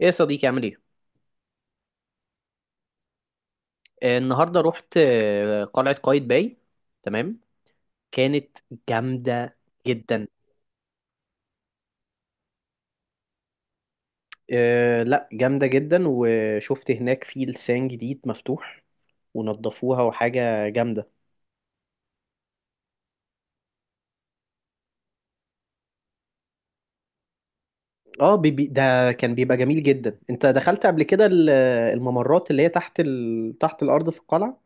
ايه يا صديقي عامل ايه؟ النهارده رحت قلعة قايتباي. تمام. كانت جامدة جدا. آه لا، جامدة جدا، وشفت هناك في لسان جديد مفتوح ونضفوها، وحاجة جامدة. اه بي بي ده كان بيبقى جميل جدا. انت دخلت قبل كده الممرات اللي هي تحت تحت الارض في القلعة.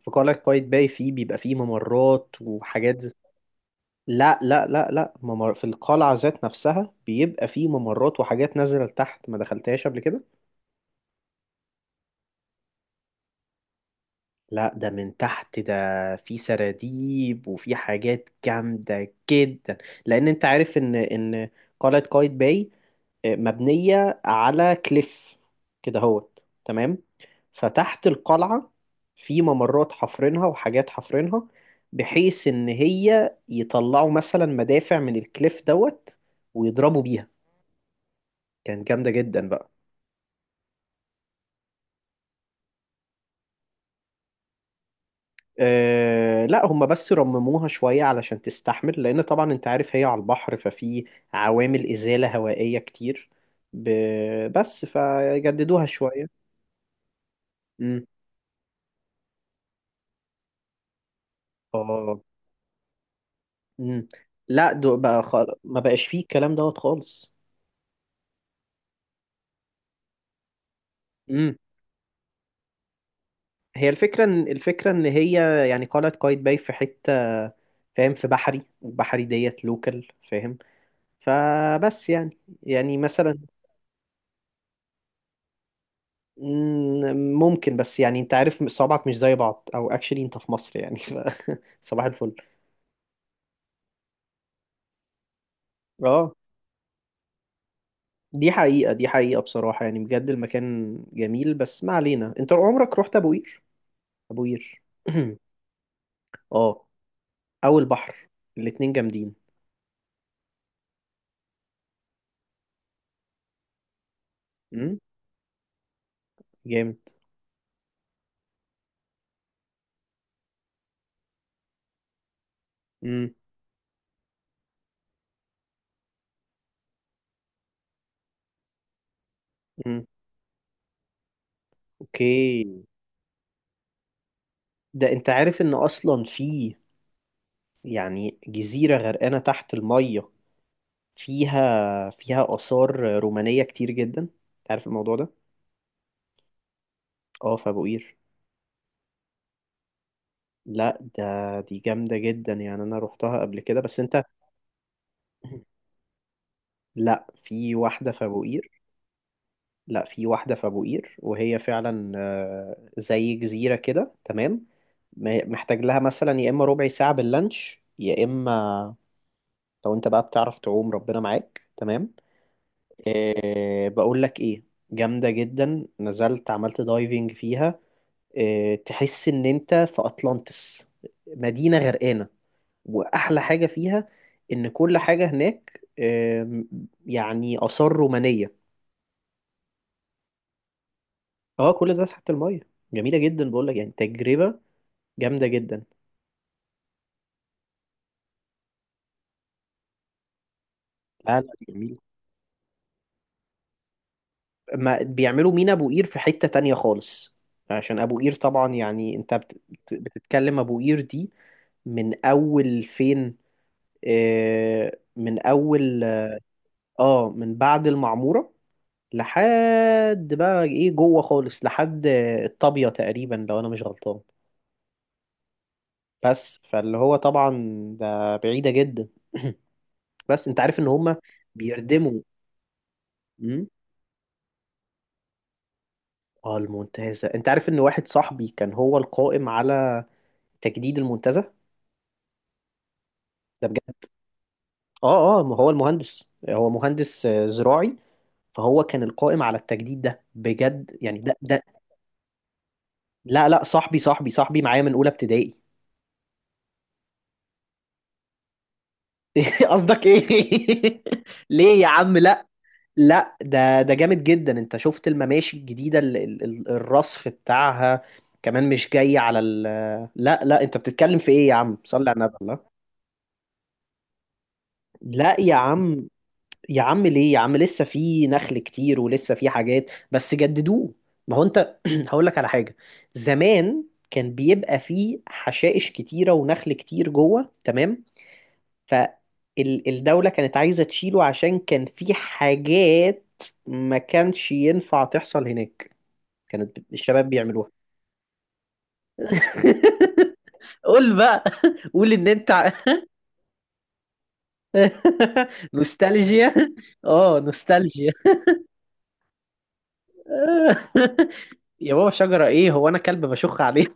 في قلعة قايتباي فيه بيبقى فيه ممرات وحاجات لا لا لا لا، في القلعة ذات نفسها بيبقى فيه ممرات وحاجات نازلة لتحت، ما دخلتهاش قبل كده. لا ده من تحت، ده في سراديب وفي حاجات جامدة جدا. لأن أنت عارف إن قلعة قايتباي مبنية على كليف كده، هوت تمام. فتحت القلعة في ممرات حفرينها وحاجات حفرينها، بحيث إن هي يطلعوا مثلا مدافع من الكليف دوت ويضربوا بيها. كانت جامدة جدا بقى. آه لا، هم بس رمموها شوية علشان تستحمل، لأن طبعا أنت عارف هي على البحر، ففي عوامل إزالة هوائية كتير. ب... بس فجددوها شوية. امم. اه. امم. لا دو بقى ما بقاش فيه الكلام دوت خالص. امم. هي الفكرة إن، هي يعني قلعة قايتباي في حتة، فاهم؟ في بحري، وبحري ديت لوكال، فاهم؟ فبس يعني مثلا. ممكن، بس يعني انت عارف صوابعك مش زي بعض، او اكشلي انت في مصر يعني. صباح الفل. اه. دي حقيقة دي حقيقة، بصراحة يعني بجد المكان جميل، بس ما علينا. انت عمرك رحت ابو قير؟ ابو قير اه. او البحر. الاتنين جامدين. امم. جامد. امم. امم. اوكي. ده انت عارف ان اصلا في يعني جزيرة غرقانة تحت المية، فيها آثار رومانية كتير جدا. انت عارف الموضوع ده؟ اه، في ابو قير. لا ده، دي جامدة جدا يعني، أنا روحتها قبل كده، بس أنت. لا، في واحدة في أبو قير. لا في واحدة في أبو قير، وهي فعلا زي جزيرة كده تمام. محتاج لها مثلا يا إما ربع ساعة باللانش، يا إما لو أنت بقى بتعرف تعوم، ربنا معاك تمام. أه بقول لك إيه، جامدة جدا، نزلت عملت دايفنج فيها. أه تحس إن أنت في أطلانتس، مدينة غرقانة. واحلى حاجه فيها ان كل حاجه هناك يعني اثار رومانيه. اه كل ده تحت الميه، جميله جدا. بقول لك يعني تجربه جامده جدا. لا لا جميل، ما بيعملوا مينا ابو قير في حته تانية خالص. عشان ابو قير طبعا يعني انت بتتكلم ابو قير دي، من اول فين؟ من اول. اه، من بعد المعموره، لحد بقى ايه جوه خالص، لحد الطابيه تقريبا لو انا مش غلطان. بس فاللي هو طبعا ده بعيدة جدا. بس انت عارف ان هما بيردموا. امم. اه المنتزه، انت عارف ان واحد صاحبي كان هو القائم على تجديد المنتزه؟ ده بجد. اه اه، ما هو المهندس، هو مهندس زراعي، فهو كان القائم على التجديد ده، بجد يعني ده. لا لا، صاحبي صاحبي صاحبي معايا من اولى ابتدائي. قصدك ايه؟ ليه يا عم لا. لا ده جامد جدا. انت شفت المماشي الجديده، الرصف بتاعها، كمان مش جاي على ال. لا لا، انت بتتكلم في ايه يا عم؟ صلي على النبي، الله. لا يا عم. يا عم ليه يا عم، لسه في نخل كتير ولسه في حاجات، بس جددوه. ما هو انت هقول لك على حاجه. زمان كان بيبقى فيه حشائش كتيره ونخل كتير جوه تمام، فالدوله كانت عايزه تشيله، عشان كان في حاجات ما كانش ينفع تحصل هناك، كانت الشباب بيعملوها. قول بقى. قول ان انت نوستالجيا. اه، نوستالجيا. يا بابا، شجرة ايه؟ هو انا كلب بشخ عليه؟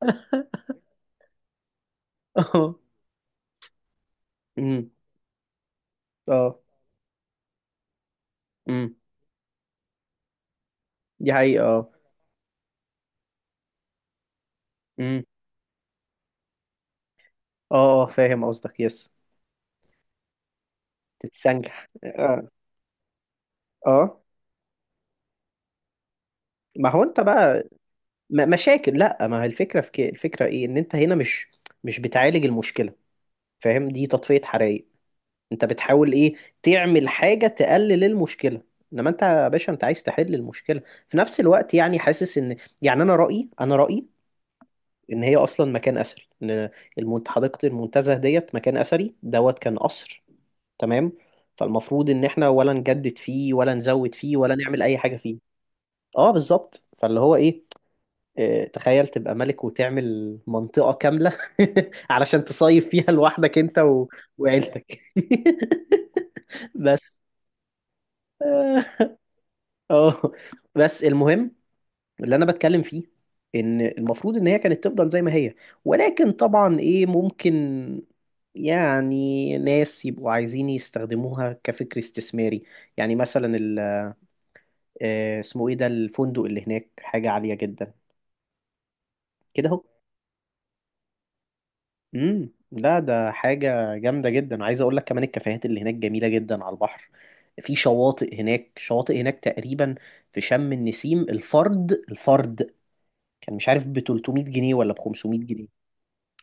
اه. امم. اه. امم. دي حقيقة. اه. امم. اه فاهم قصدك يس. تتسنجح اه. اه. ما هو انت بقى مشاكل. لا، ما هي الفكرة في كده. الفكرة ايه، ان انت هنا مش مش بتعالج المشكلة، فاهم؟ دي تطفية حرائق. انت بتحاول ايه، تعمل حاجة تقلل المشكلة. انما انت يا باشا، انت عايز تحل المشكلة. في نفس الوقت يعني، حاسس ان يعني انا رأيي ان هي اصلا مكان اثري، ان حديقة المنتزه ديت مكان اثري دوت، كان قصر تمام. فالمفروض ان احنا ولا نجدد فيه ولا نزود فيه ولا نعمل اي حاجة فيه. اه بالظبط، فاللي هو ايه، اه، تخيل تبقى ملك وتعمل منطقة كاملة علشان تصيف فيها لوحدك انت وعيلتك. بس. اه، بس المهم، اللي انا بتكلم فيه ان المفروض ان هي كانت تفضل زي ما هي، ولكن طبعا ايه، ممكن يعني ناس يبقوا عايزين يستخدموها كفكر استثماري. يعني مثلا اسمه ايه ده الفندق اللي هناك، حاجة عالية جدا كده اهو. امم. لا ده حاجة جامدة جدا، عايز اقول لك كمان الكافيهات اللي هناك جميلة جدا على البحر، في شواطئ هناك، شواطئ هناك تقريبا في شم النسيم الفرد الفرد كان مش عارف ب 300 جنيه ولا ب 500 جنيه.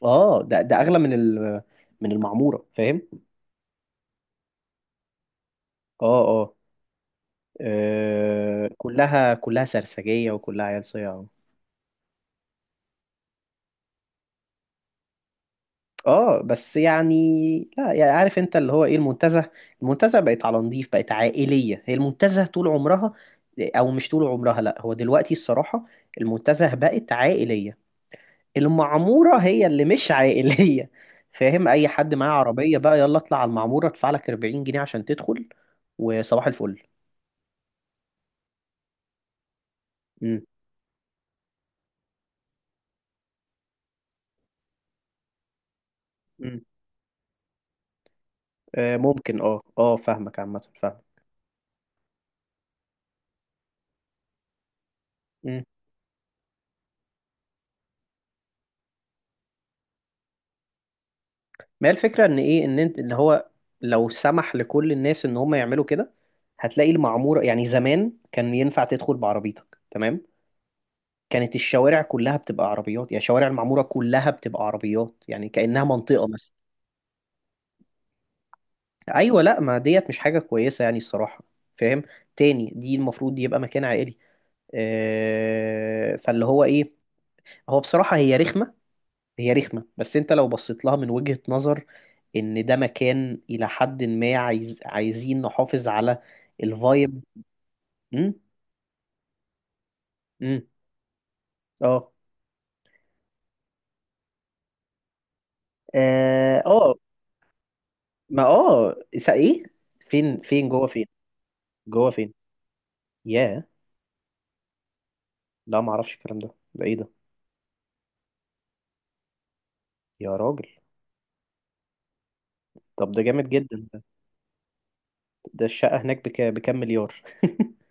اه ده اغلى من ال، من المعموره، فاهم؟ اه اه كلها كلها سرسجيه وكلها عيال صياعه. اه بس يعني، لا يعني، عارف انت اللي هو ايه، المنتزه المنتزه بقت على نضيف، بقت عائليه. هي المنتزه طول عمرها، او مش طول عمرها لا، هو دلوقتي الصراحه المنتزه بقت عائليه. المعمورة هي اللي مش عائلية، فاهم؟ أي حد معاه عربية بقى يلا اطلع على المعمورة، ادفع لك 40 جنيه عشان تدخل، وصباح الفل. مم. مم. آه ممكن، اه اه، فاهمك عامة، فاهم. مم. ما هي الفكرة ان ايه، ان انت ان هو لو سمح لكل الناس ان هم يعملوا كده، هتلاقي المعمورة، يعني زمان كان ينفع تدخل بعربيتك تمام. كانت الشوارع كلها بتبقى عربيات، يعني شوارع المعمورة كلها بتبقى عربيات، يعني كأنها منطقة مثلا. ايوه لا، ما ديت مش حاجه كويسه يعني الصراحه، فاهم؟ تاني، دي المفروض يبقى مكان عائلي. فاللي هو ايه، هو بصراحه هي رخمه، هي رخمه، بس انت لو بصيت لها من وجهه نظر ان ده مكان الى حد ما، عايزين نحافظ على الفايب. امم. امم. اه. اه. ما اه ايه، فين فين جوه فين؟ جوه فين؟ ياه. لا ما اعرفش الكلام ده، ده ايه ده؟ يا راجل. طب ده جامد جدا. ده الشقة هناك بكام مليار؟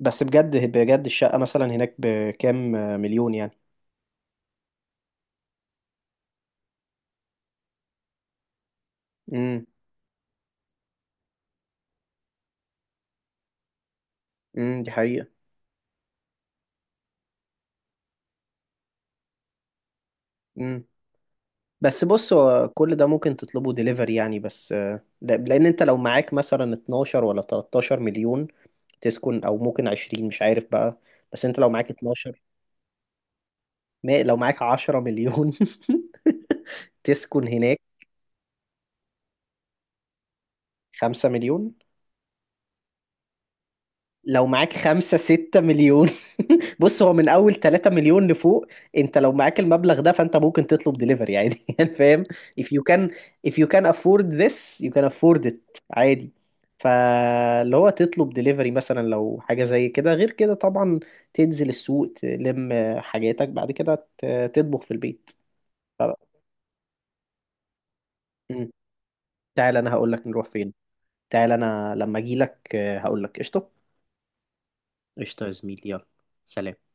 بس بجد بجد، الشقة مثلا هناك بكام مليون يعني؟ امم. امم. دي حقيقة. امم. بس بص، هو كل ده ممكن تطلبه ديليفري يعني. بس لأن أنت لو معاك مثلا 12 ولا 13 مليون تسكن، أو ممكن 20، مش عارف بقى. بس أنت لو معاك 12، ما لو معاك 10 مليون تسكن هناك. 5 مليون. لو معاك خمسة ستة مليون بص، هو من أول تلاتة مليون لفوق أنت لو معاك المبلغ ده، فأنت ممكن تطلب دليفري عادي يعني فاهم؟ if you can, if you can afford this you can afford it، عادي. فاللي هو تطلب دليفري مثلا لو حاجة زي كده، غير كده طبعا تنزل السوق تلم حاجاتك، بعد كده تطبخ في البيت. ف- م. تعال، أنا هقولك نروح فين. تعال أنا لما أجيلك هقولك قشطة. قشطة يا زميلي، يلا، سلام.